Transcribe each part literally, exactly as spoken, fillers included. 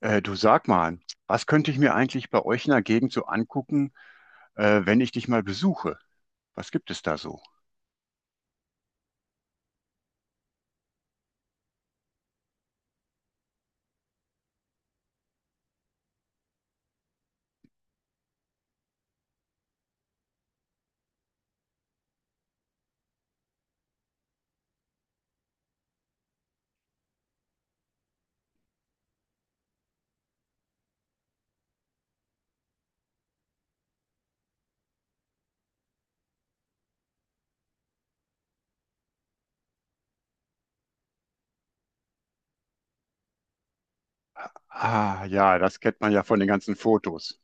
Äh, du sag mal, was könnte ich mir eigentlich bei euch in der Gegend so angucken, äh, wenn ich dich mal besuche? Was gibt es da so? Ah, ja, das kennt man ja von den ganzen Fotos.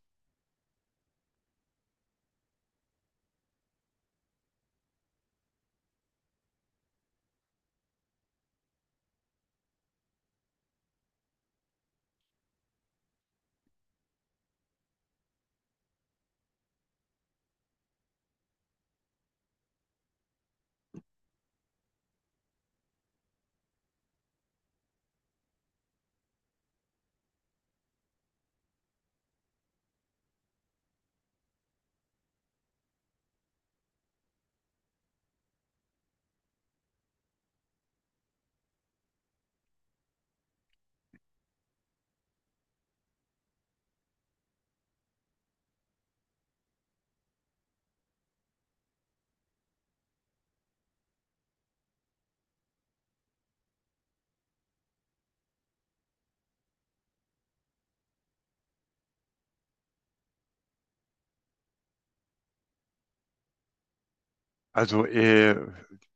Also, äh,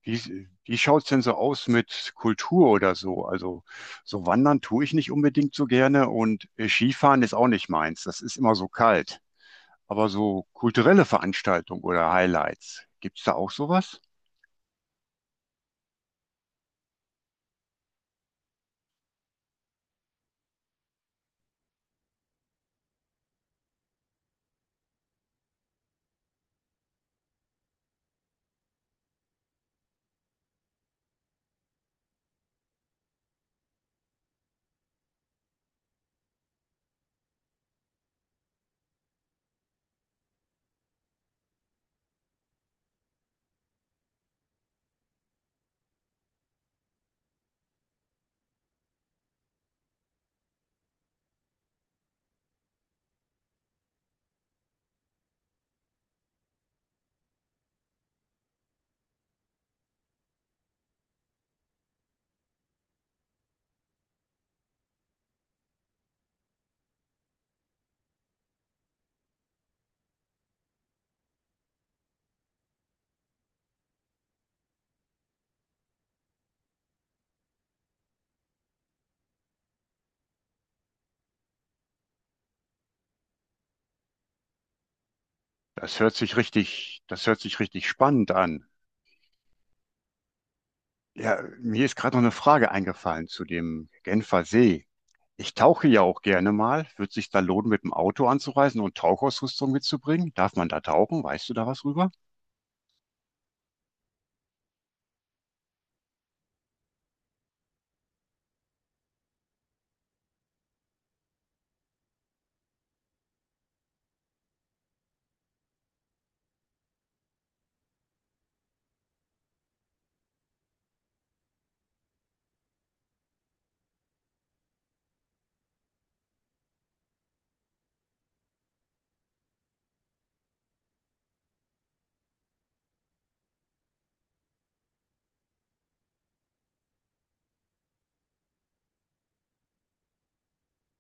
wie, wie schaut's denn so aus mit Kultur oder so? Also, so wandern tue ich nicht unbedingt so gerne und äh, Skifahren ist auch nicht meins. Das ist immer so kalt. Aber so kulturelle Veranstaltungen oder Highlights, gibt's da auch sowas? Das hört sich richtig, das hört sich richtig spannend an. Ja, mir ist gerade noch eine Frage eingefallen zu dem Genfer See. Ich tauche ja auch gerne mal. Wird sich da lohnen, mit dem Auto anzureisen und Tauchausrüstung mitzubringen? Darf man da tauchen? Weißt du da was rüber?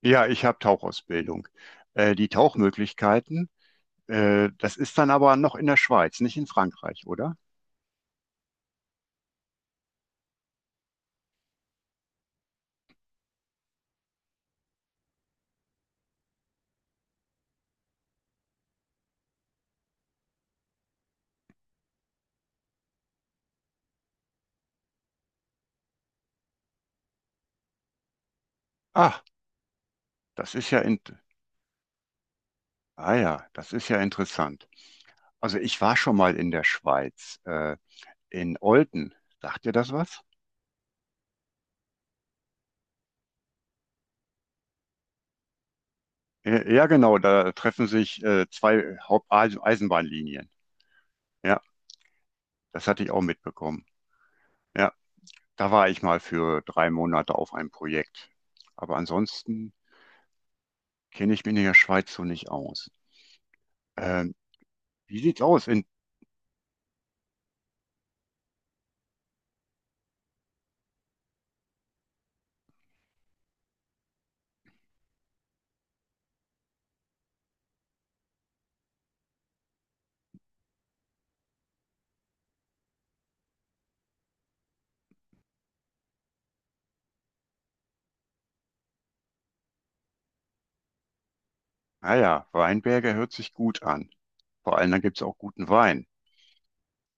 Ja, ich habe Tauchausbildung. Äh, die Tauchmöglichkeiten, äh, das ist dann aber noch in der Schweiz, nicht in Frankreich, oder? Ach, das ist ja in ah ja, das ist ja interessant. Also ich war schon mal in der Schweiz, äh, in Olten. Sagt dir das was? Äh, Ja, genau, da treffen sich äh, zwei Haupt-Eisenbahnlinien. Ja, das hatte ich auch mitbekommen. Ja, da war ich mal für drei Monate auf einem Projekt. Aber ansonsten kenne ich mich in der Schweiz so nicht aus. Ähm, wie sieht's aus? In, naja, Weinberge hört sich gut an. Vor allem, dann gibt's auch guten Wein.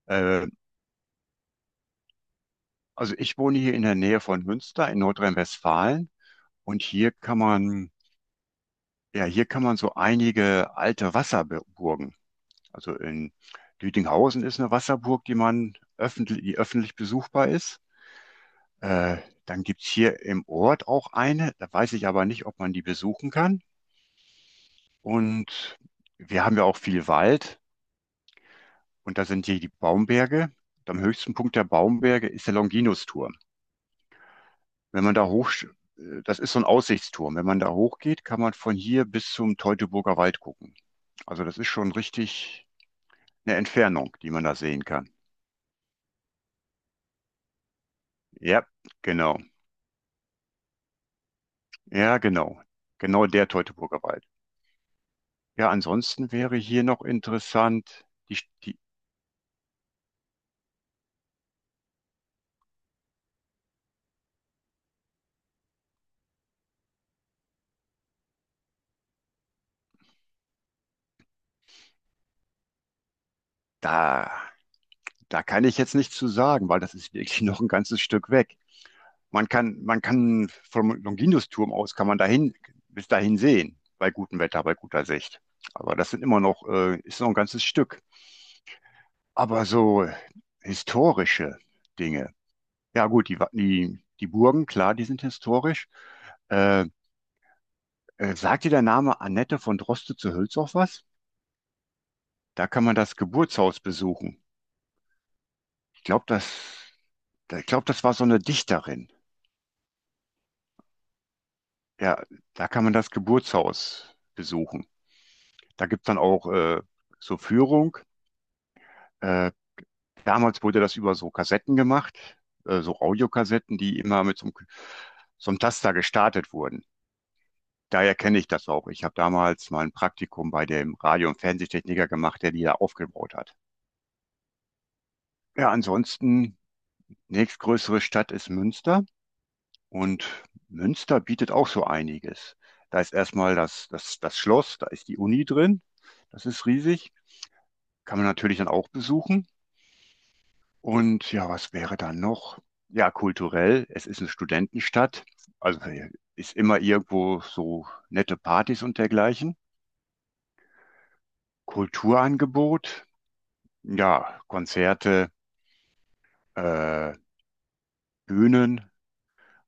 Äh, also ich wohne hier in der Nähe von Münster in Nordrhein-Westfalen und hier kann man, ja, hier kann man so einige alte Wasserburgen. Also in Lüdinghausen ist eine Wasserburg, die man öffentlich, die öffentlich besuchbar ist. Äh, dann gibt es hier im Ort auch eine, da weiß ich aber nicht, ob man die besuchen kann. Und wir haben ja auch viel Wald und da sind hier die Baumberge. Und am höchsten Punkt der Baumberge ist der Longinusturm. Wenn man da hoch, äh, das ist so ein Aussichtsturm. Wenn man da hochgeht, kann man von hier bis zum Teutoburger Wald gucken. Also das ist schon richtig eine Entfernung, die man da sehen kann. Ja, genau. Ja, genau. Genau der Teutoburger Wald. Ja, ansonsten wäre hier noch interessant, die, die, da, da kann ich jetzt nichts zu sagen, weil das ist wirklich noch ein ganzes Stück weg. Man kann, man kann vom Longinus-Turm aus, kann man dahin, bis dahin sehen, bei gutem Wetter, bei guter Sicht. Aber das sind immer noch, äh, ist noch ein ganzes Stück. Aber so historische Dinge. Ja, gut, die, Wa- die, die Burgen, klar, die sind historisch. Äh, äh, sagt dir der Name Annette von Droste zu Hülshoff was? Da kann man das Geburtshaus besuchen. Ich glaube, das, da- ich glaube, das war so eine Dichterin. Ja, da kann man das Geburtshaus besuchen. Da gibt es dann auch äh, so Führung. Äh, damals wurde das über so Kassetten gemacht, äh, so Audiokassetten, die immer mit so einem, so einem Taster gestartet wurden. Daher kenne ich das auch. Ich habe damals mal ein Praktikum bei dem Radio- und Fernsehtechniker gemacht, der die da aufgebaut hat. Ja, ansonsten, nächstgrößere Stadt ist Münster. Und Münster bietet auch so einiges. Da ist erstmal das, das, das Schloss, da ist die Uni drin. Das ist riesig. Kann man natürlich dann auch besuchen. Und ja, was wäre dann noch? Ja, kulturell. Es ist eine Studentenstadt. Also äh, ist immer irgendwo so nette Partys und dergleichen. Kulturangebot. Ja, Konzerte, äh, Bühnen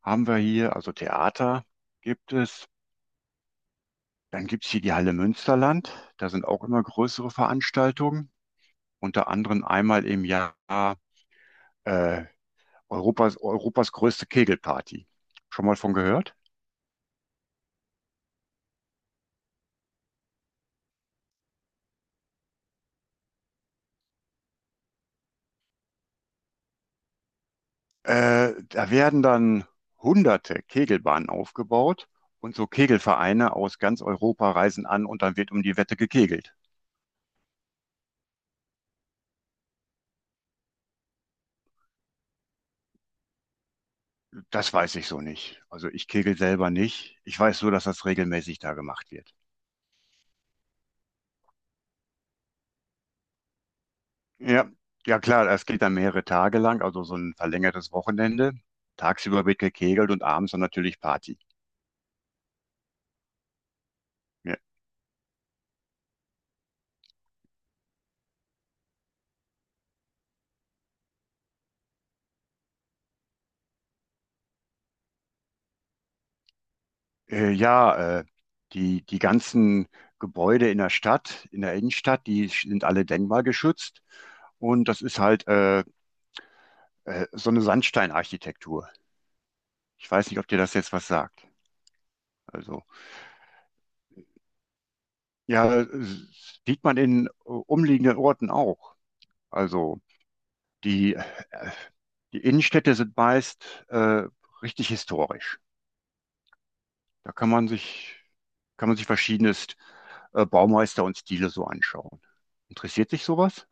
haben wir hier. Also Theater gibt es. Dann gibt's hier die Halle Münsterland. Da sind auch immer größere Veranstaltungen. Unter anderem einmal im Jahr äh, Europas, Europas größte Kegelparty. Schon mal von gehört? Äh, da werden dann hunderte Kegelbahnen aufgebaut und so Kegelvereine aus ganz Europa reisen an und dann wird um die Wette gekegelt. Das weiß ich so nicht. Also ich kegel selber nicht. Ich weiß nur, dass das regelmäßig da gemacht wird. Ja, ja klar, es geht dann mehrere Tage lang, also so ein verlängertes Wochenende. Tagsüber wird gekegelt und abends dann natürlich Party. Ja, äh, ja äh, die, die ganzen Gebäude in der Stadt, in der Innenstadt, die sind alle denkmalgeschützt. Und das ist halt äh, äh, so eine Sandsteinarchitektur. Ich weiß nicht, ob dir das jetzt was sagt. Also, ja, äh, sieht man in äh, umliegenden Orten auch. Also, die, äh, die Innenstädte sind meist äh, richtig historisch. Da kann man sich, kann man sich verschiedenes äh, Baumeister und Stile so anschauen. Interessiert dich sowas?